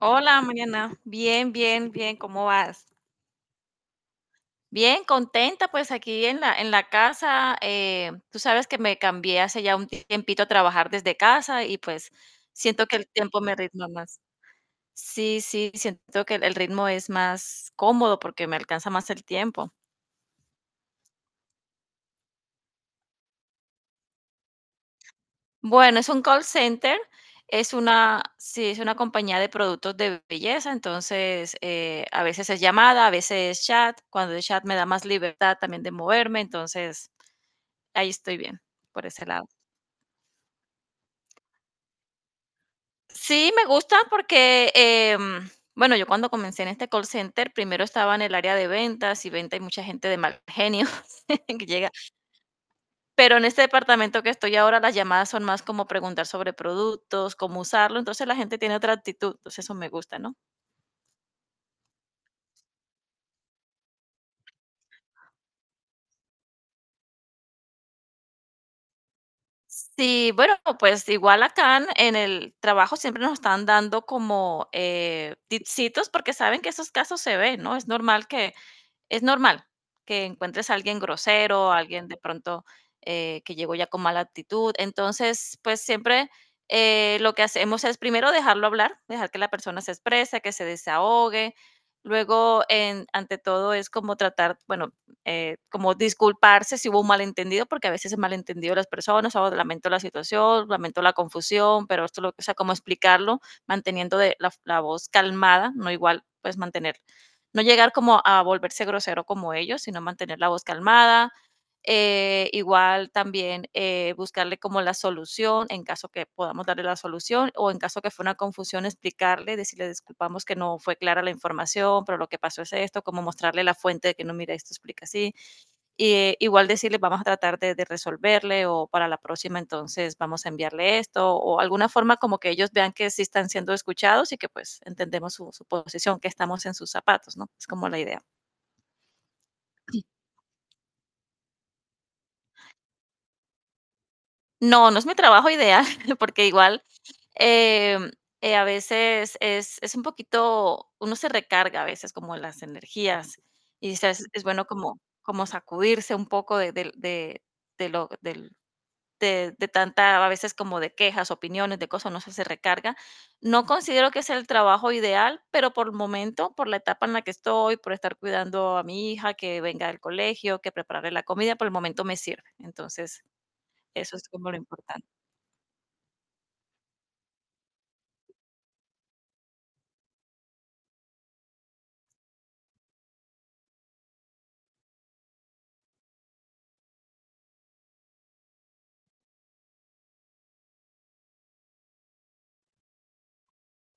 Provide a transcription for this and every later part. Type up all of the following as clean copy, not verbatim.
Hola, Mariana. Bien, bien, bien. ¿Cómo vas? Bien, contenta, pues aquí en la casa. Tú sabes que me cambié hace ya un tiempito a trabajar desde casa y pues siento que el tiempo me ritma más. Sí, sí, siento que el ritmo es más cómodo porque me alcanza más el tiempo. Bueno, es un call center, es una, sí, es una compañía de productos de belleza, entonces a veces es llamada, a veces es chat. Cuando es chat me da más libertad también de moverme, entonces ahí estoy bien, por ese lado. Sí, me gusta porque, bueno, yo cuando comencé en este call center, primero estaba en el área de ventas y venta hay mucha gente de mal genio que llega, pero en este departamento que estoy ahora las llamadas son más como preguntar sobre productos, cómo usarlo, entonces la gente tiene otra actitud, entonces eso me gusta, ¿no? Sí, bueno, pues igual acá en el trabajo siempre nos están dando como tipsitos porque saben que esos casos se ven, ¿no? Es normal que encuentres a alguien grosero, a alguien de pronto que llegó ya con mala actitud. Entonces, pues siempre lo que hacemos es primero dejarlo hablar, dejar que la persona se exprese, que se desahogue. Luego, ante todo, es como tratar, bueno, como disculparse si hubo un malentendido, porque a veces es malentendido las personas, o lamento la situación, lamento la confusión, pero esto, lo, o sea, como explicarlo, manteniendo de la voz calmada, no igual, pues mantener, no llegar como a volverse grosero como ellos, sino mantener la voz calmada. Igual también buscarle como la solución, en caso que podamos darle la solución, o en caso que fue una confusión, explicarle, decirle disculpamos que no fue clara la información, pero lo que pasó es esto, como mostrarle la fuente de que no, mira, esto explica así y igual decirle, vamos a tratar de resolverle o para la próxima entonces vamos a enviarle esto o alguna forma como que ellos vean que sí están siendo escuchados y que pues entendemos su posición, que estamos en sus zapatos, ¿no? Es como la idea. No, no es mi trabajo ideal porque igual em, a veces es un poquito, uno se recarga a veces como las energías y dice, es bueno como, como sacudirse un poco de lo, del- de tanta, a veces como de quejas, opiniones, de cosas, uno se recarga. No considero que sea el trabajo ideal, pero por el momento, por la etapa en la que estoy, por estar cuidando a mi hija que venga del colegio, que prepararle la comida, por el momento me sirve. Entonces, eso es como lo importante.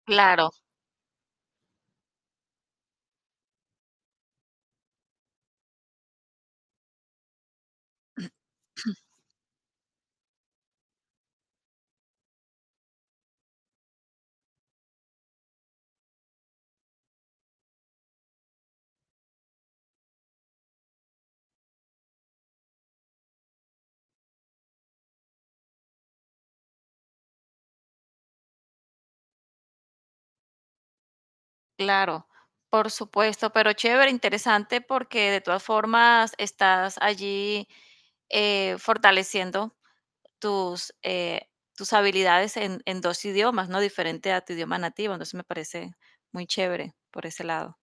Claro. Claro, por supuesto, pero chévere, interesante porque de todas formas estás allí fortaleciendo tus, tus habilidades en dos idiomas, ¿no? Diferente a tu idioma nativo, entonces me parece muy chévere por ese lado.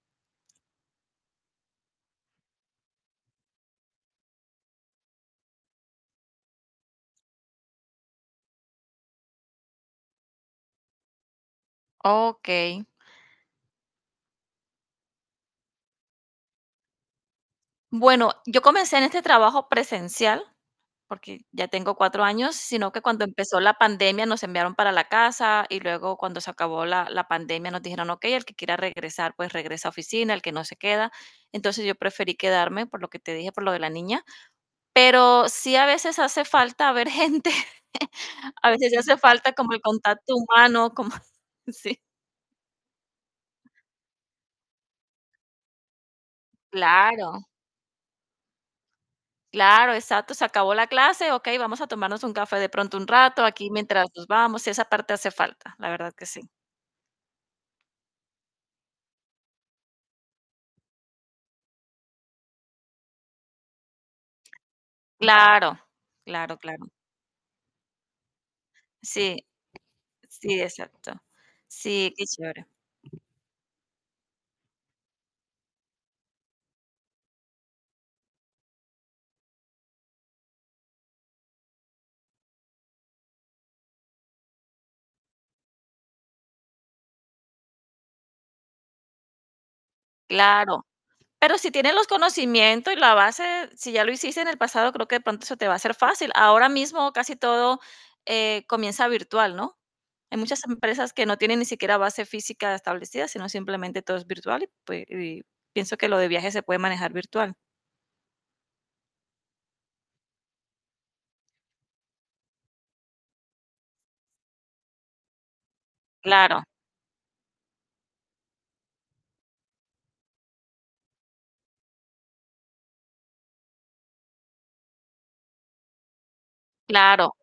Ok. Bueno, yo comencé en este trabajo presencial. Porque ya tengo 4 años, sino que cuando empezó la pandemia nos enviaron para la casa y luego cuando se acabó la pandemia nos dijeron: "Okey, el que quiera regresar, pues regresa a oficina, el que no se queda". Entonces yo preferí quedarme por lo que te dije, por lo de la niña, pero sí a veces hace falta ver gente, a veces hace falta como el contacto humano, como sí. Claro, claro, exacto, se acabó la clase, okey, vamos a tomarnos un café de pronto un rato aquí mientras nos vamos, sí, esa parte hace falta, la verdad que sí. Claro, claro, claro. Sí, sí, exacto. Sí, qué chévere. Claro, pero si tienes los conocimientos y la base, si ya lo hiciste en el pasado, creo que de pronto eso te va a ser fácil. Ahora mismo casi todo, comienza virtual, ¿no? Hay muchas empresas que no tienen ni siquiera base física establecida, sino simplemente todo es virtual y, pues, y pienso que lo de viajes se puede manejar virtual. Claro, claro.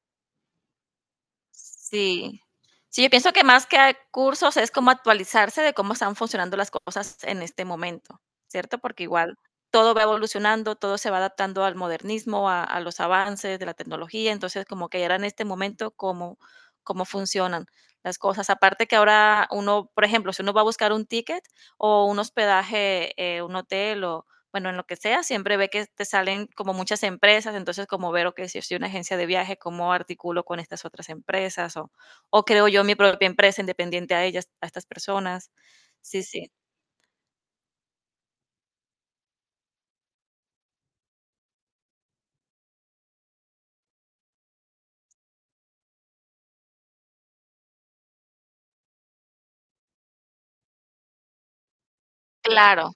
Sí. Sí, yo pienso que más que a cursos es como actualizarse de cómo están funcionando las cosas en este momento, ¿cierto? Porque igual todo va evolucionando, todo se va adaptando al modernismo, a los avances de la tecnología, entonces como que era en este momento cómo, cómo funcionan las cosas. Aparte que ahora uno, por ejemplo, si uno va a buscar un ticket o un hospedaje, un hotel o, bueno, en lo que sea, siempre ve que te salen como muchas empresas, entonces como ver, que si soy una agencia de viaje, cómo articulo con estas otras empresas o creo yo mi propia empresa independiente a ellas, a estas personas. Sí, sí. Claro.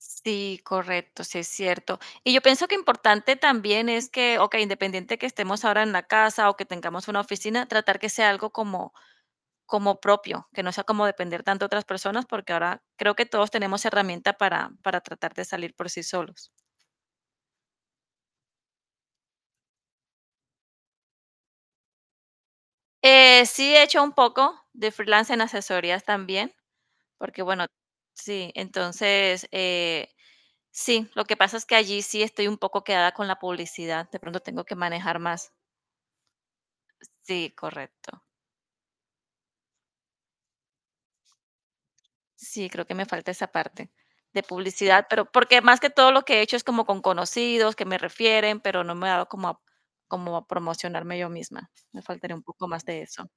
Sí, correcto, sí es cierto. Y yo pienso que importante también es que, ok, independiente que estemos ahora en la casa o que tengamos una oficina, tratar que sea algo como, como propio, que no sea como depender tanto de otras personas, porque ahora creo que todos tenemos herramienta para tratar de salir por sí solos. Sí, he hecho un poco de freelance en asesorías también, porque bueno, sí, entonces, sí, lo que pasa es que allí sí estoy un poco quedada con la publicidad, de pronto tengo que manejar más. Sí, correcto. Sí, creo que me falta esa parte de publicidad, pero porque más que todo lo que he hecho es como con conocidos que me refieren, pero no me he dado como a promocionarme yo misma. Me faltaría un poco más de eso.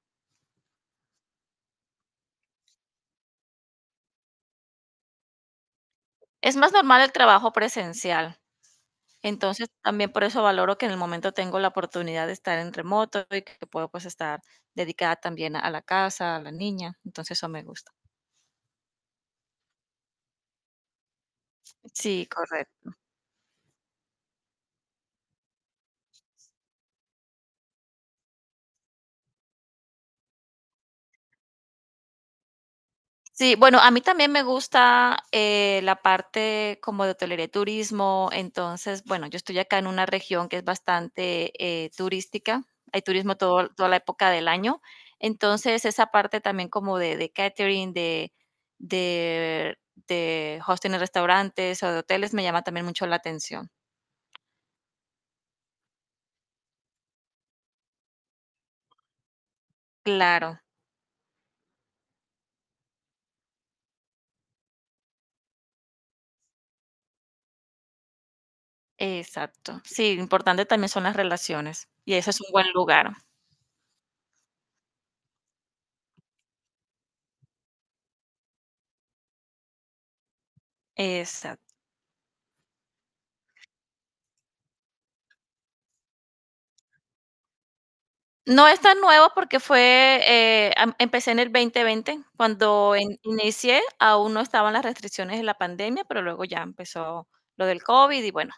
Es más normal el trabajo presencial. Entonces, también por eso valoro que en el momento tengo la oportunidad de estar en remoto y que puedo, pues, estar dedicada también a la casa, a la niña, entonces eso me gusta. Sí, correcto. Sí, bueno, a mí también me gusta, la parte como de hotelería y turismo. Entonces, bueno, yo estoy acá en una región que es bastante, turística. Hay turismo todo toda la época del año. Entonces, esa parte también como de catering, de de hosting en restaurantes o de hoteles me llama también mucho la atención. Claro, exacto. Sí, importante también son las relaciones, y eso es un buen lugar. Exacto. No es tan nuevo porque fue, am empecé en el 2020, cuando in inicié aún no estaban las restricciones de la pandemia, pero luego ya empezó lo del COVID y bueno,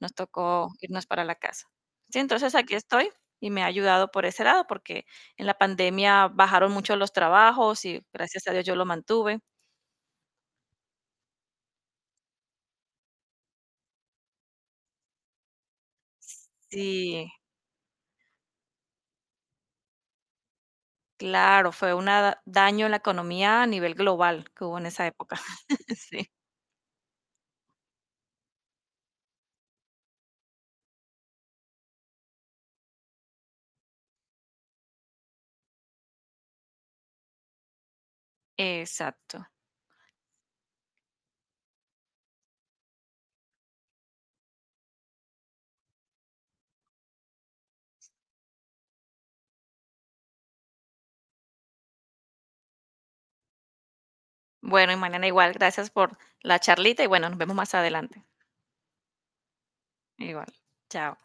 nos tocó irnos para la casa. Sí, entonces aquí estoy y me ha ayudado por ese lado, porque en la pandemia bajaron mucho los trabajos y gracias a Dios yo lo mantuve. Sí, claro, fue un daño en la economía a nivel global que hubo en esa época. Sí, exacto. Bueno, y mañana igual. Gracias por la charlita y bueno, nos vemos más adelante. Igual. Chao.